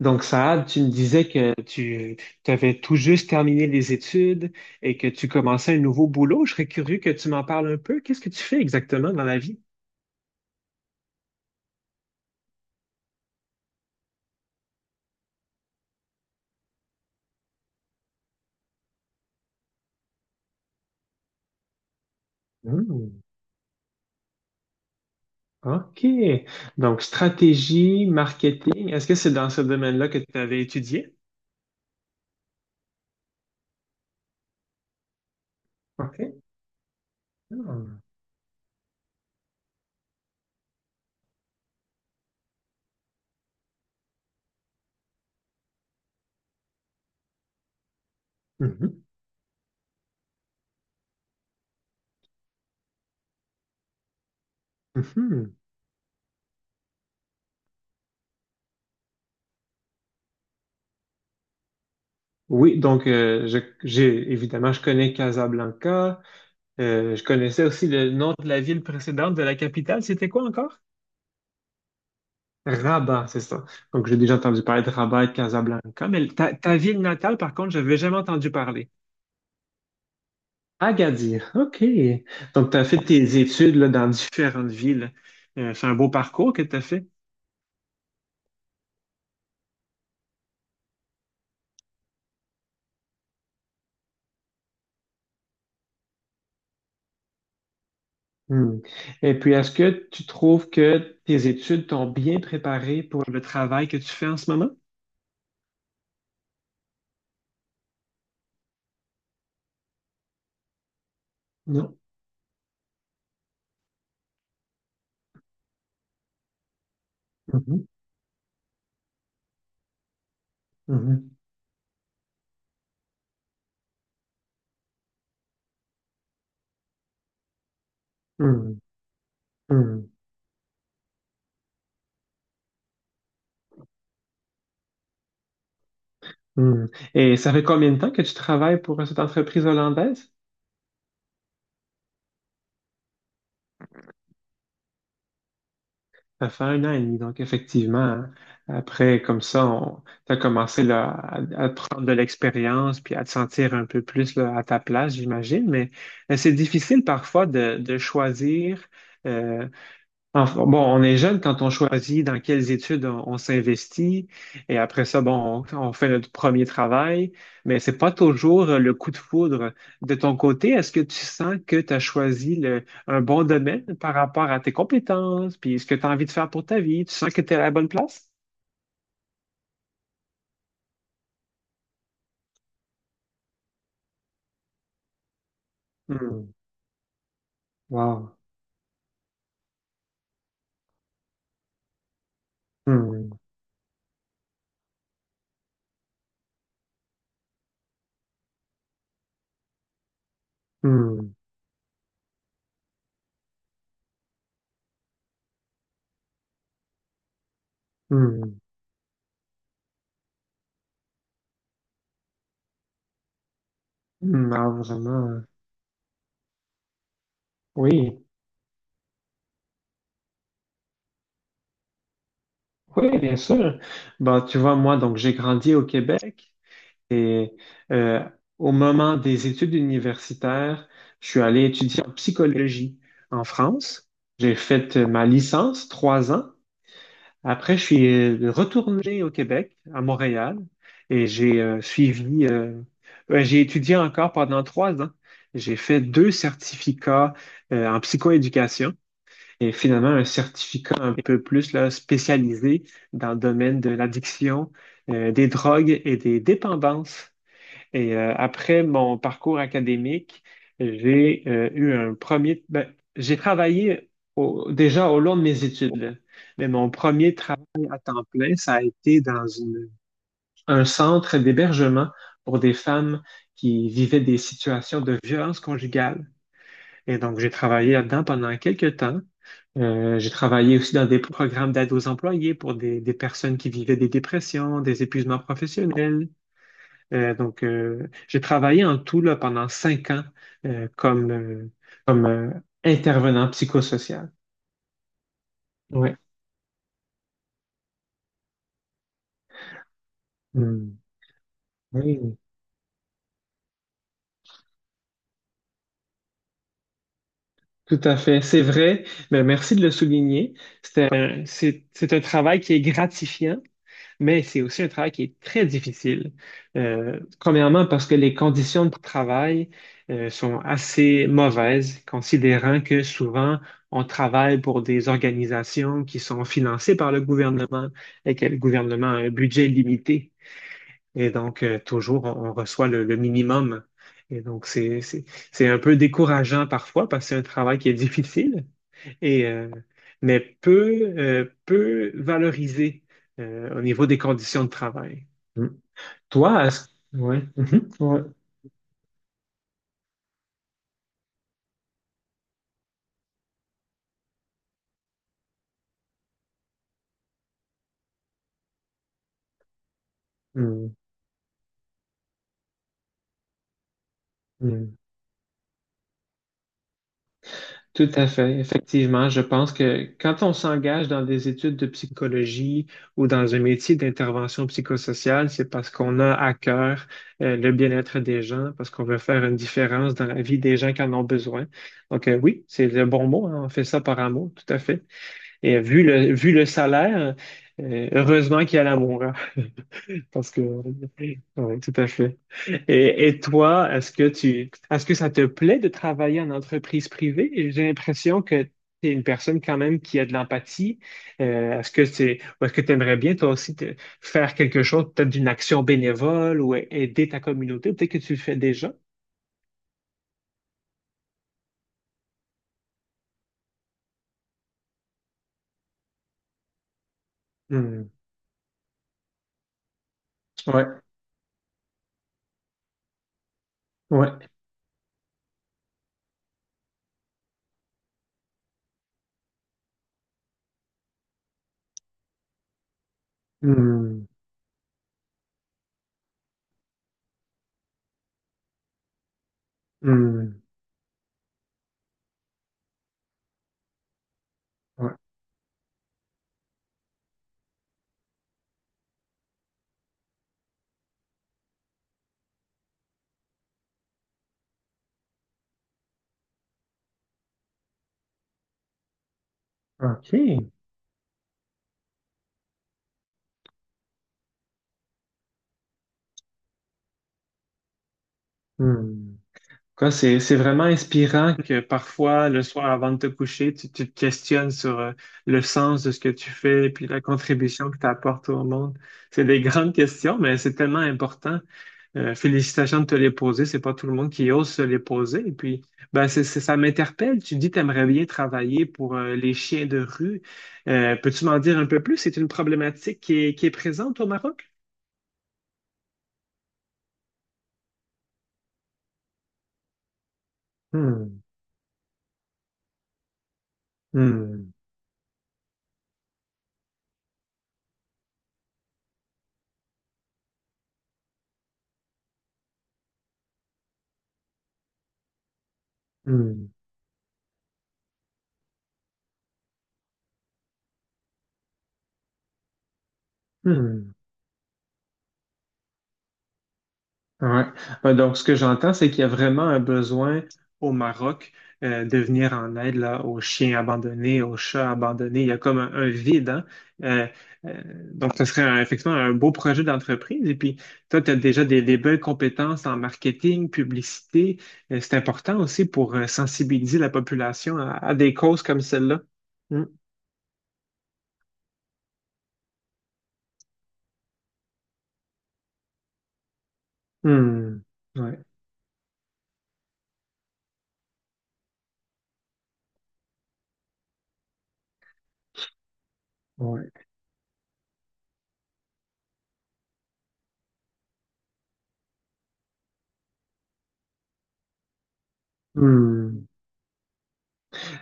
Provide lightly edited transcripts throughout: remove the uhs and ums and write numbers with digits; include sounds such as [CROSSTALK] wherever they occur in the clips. Donc, Saad, tu me disais que tu avais tout juste terminé les études et que tu commençais un nouveau boulot. Je serais curieux que tu m'en parles un peu. Qu'est-ce que tu fais exactement dans la vie? Hmm, OK. Donc, stratégie, marketing, est-ce que c'est dans ce domaine-là que tu avais étudié? OK. Ah. Hmm. Mhm, mhm. Oui, donc j'ai évidemment je connais Casablanca. Je connaissais aussi le nom de la ville précédente de la capitale. C'était quoi encore? Rabat, c'est ça. Donc, j'ai déjà entendu parler de Rabat et de Casablanca, mais ta ville natale, par contre, je n'avais jamais entendu parler. Agadir, OK. Donc, tu as fait tes études là, dans différentes villes. C'est un beau parcours que tu as fait. Hmm. Et puis, est-ce que tu trouves que tes études t'ont bien préparé pour le travail que tu fais en ce moment? Non. Mhm, mhm, mhm, mhm, mhm. Et ça fait combien de temps que tu travailles pour cette entreprise hollandaise? Ça fait un an et demi, donc effectivement, après, comme ça, on, t'as commencé là, à prendre de l'expérience puis à te sentir un peu plus là, à ta place, j'imagine, mais c'est difficile parfois de choisir euh, enfin, bon, on est jeune quand on choisit dans quelles études on s'investit et après ça, bon, on fait notre premier travail, mais c'est pas toujours le coup de foudre. De ton côté, est-ce que tu sens que tu as choisi un bon domaine par rapport à tes compétences, puis ce que tu as envie de faire pour ta vie? Tu sens que tu es à la bonne place? Hmm. Wow. Hmm. Hmm. Hmm. Hmm. Ah, vraiment. Oui. Oui, bien sûr. Bon, tu vois, moi, donc j'ai grandi au Québec. Et euh, au moment des études universitaires, je suis allé étudier en psychologie en France. J'ai fait ma licence, trois ans. Après, je suis retourné au Québec, à Montréal, et j'ai ouais, j'ai étudié encore pendant trois ans. J'ai fait deux certificats en psychoéducation et finalement un certificat un peu plus là, spécialisé dans le domaine de l'addiction, des drogues et des dépendances. Et après mon parcours académique, j'ai eu un premier... ben, j'ai travaillé déjà au long de mes études, mais mon premier travail à temps plein, ça a été dans un centre d'hébergement pour des femmes qui vivaient des situations de violence conjugale. Et donc, j'ai travaillé là-dedans pendant quelques temps. J'ai travaillé aussi dans des programmes d'aide aux employés pour des personnes qui vivaient des dépressions, des épuisements professionnels. Donc, j'ai travaillé en tout là, pendant cinq ans euh, comme, euh, comme intervenant psychosocial. Ouais. Hmm. Oui, tout à fait. C'est vrai. Ben, merci de le souligner. C'est un travail qui est gratifiant, mais c'est aussi un travail qui est très difficile. Premièrement, parce que les conditions de travail sont assez mauvaises, considérant que souvent on travaille pour des organisations qui sont financées par le gouvernement et que le gouvernement a un budget limité. Et donc, toujours, on reçoit le minimum. Et donc, c'est un peu décourageant parfois parce que c'est un travail qui est difficile, et euh, mais peu valorisé au niveau des conditions de travail. Mm. Toi, est-ce... Oui. Mhm. Ouais. Mm. Mm. Tout à fait. Effectivement, je pense que quand on s'engage dans des études de psychologie ou dans un métier d'intervention psychosociale, c'est parce qu'on a à cœur le bien-être des gens, parce qu'on veut faire une différence dans la vie des gens qui en ont besoin. Donc, oui, c'est le bon mot, hein. On fait ça par amour, tout à fait. Et vu le salaire, heureusement qu'il y a l'amour, hein, [LAUGHS] parce que, oui, tout à fait. Et toi, est-ce que ça te plaît de travailler en entreprise privée? J'ai l'impression que tu es une personne quand même qui a de l'empathie. Ou est-ce que tu aimerais bien toi aussi faire quelque chose, peut-être d'une action bénévole ou aider ta communauté? Peut-être que tu le fais déjà. Hmm. Ouais, ouais. Hmm. Hmm. Ouais. OK. Hmm. Quoi, c'est vraiment inspirant que parfois, le soir avant de te coucher, tu te questionnes sur le sens de ce que tu fais puis la contribution que tu apportes au monde. C'est des [LAUGHS] grandes questions, mais c'est tellement important. Félicitations de te les poser. C'est pas tout le monde qui ose se les poser. Et puis, ben, ça m'interpelle. Tu dis, t'aimerais bien travailler pour les chiens de rue. Peux-tu m'en dire un peu plus? C'est une problématique qui est présente au Maroc? Hmm, hmm, hmm, hmm. Ouais. Donc, ce que j'entends, c'est qu'il y a vraiment un besoin au Maroc de venir en aide là, aux chiens abandonnés, aux chats abandonnés. Il y a comme un vide, hein? Euh, euh, donc, ce serait effectivement un beau projet d'entreprise. Et puis, toi, tu as déjà des belles compétences en marketing, publicité. C'est important aussi pour sensibiliser la population à des causes comme celle-là. Hmm. Hmm. Ouais. Ouais. Hmm.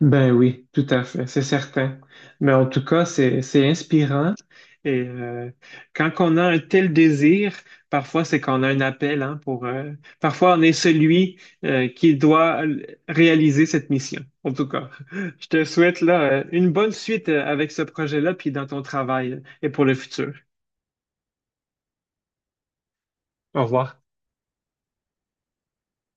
Ben oui, tout à fait, c'est certain. Mais en tout cas, c'est inspirant. Et quand on a un tel désir, parfois c'est qu'on a un appel, hein, pour. Parfois on est celui qui doit réaliser cette mission. En tout cas, [LAUGHS] je te souhaite là une bonne suite avec ce projet-là, puis dans ton travail et pour le futur. Au revoir.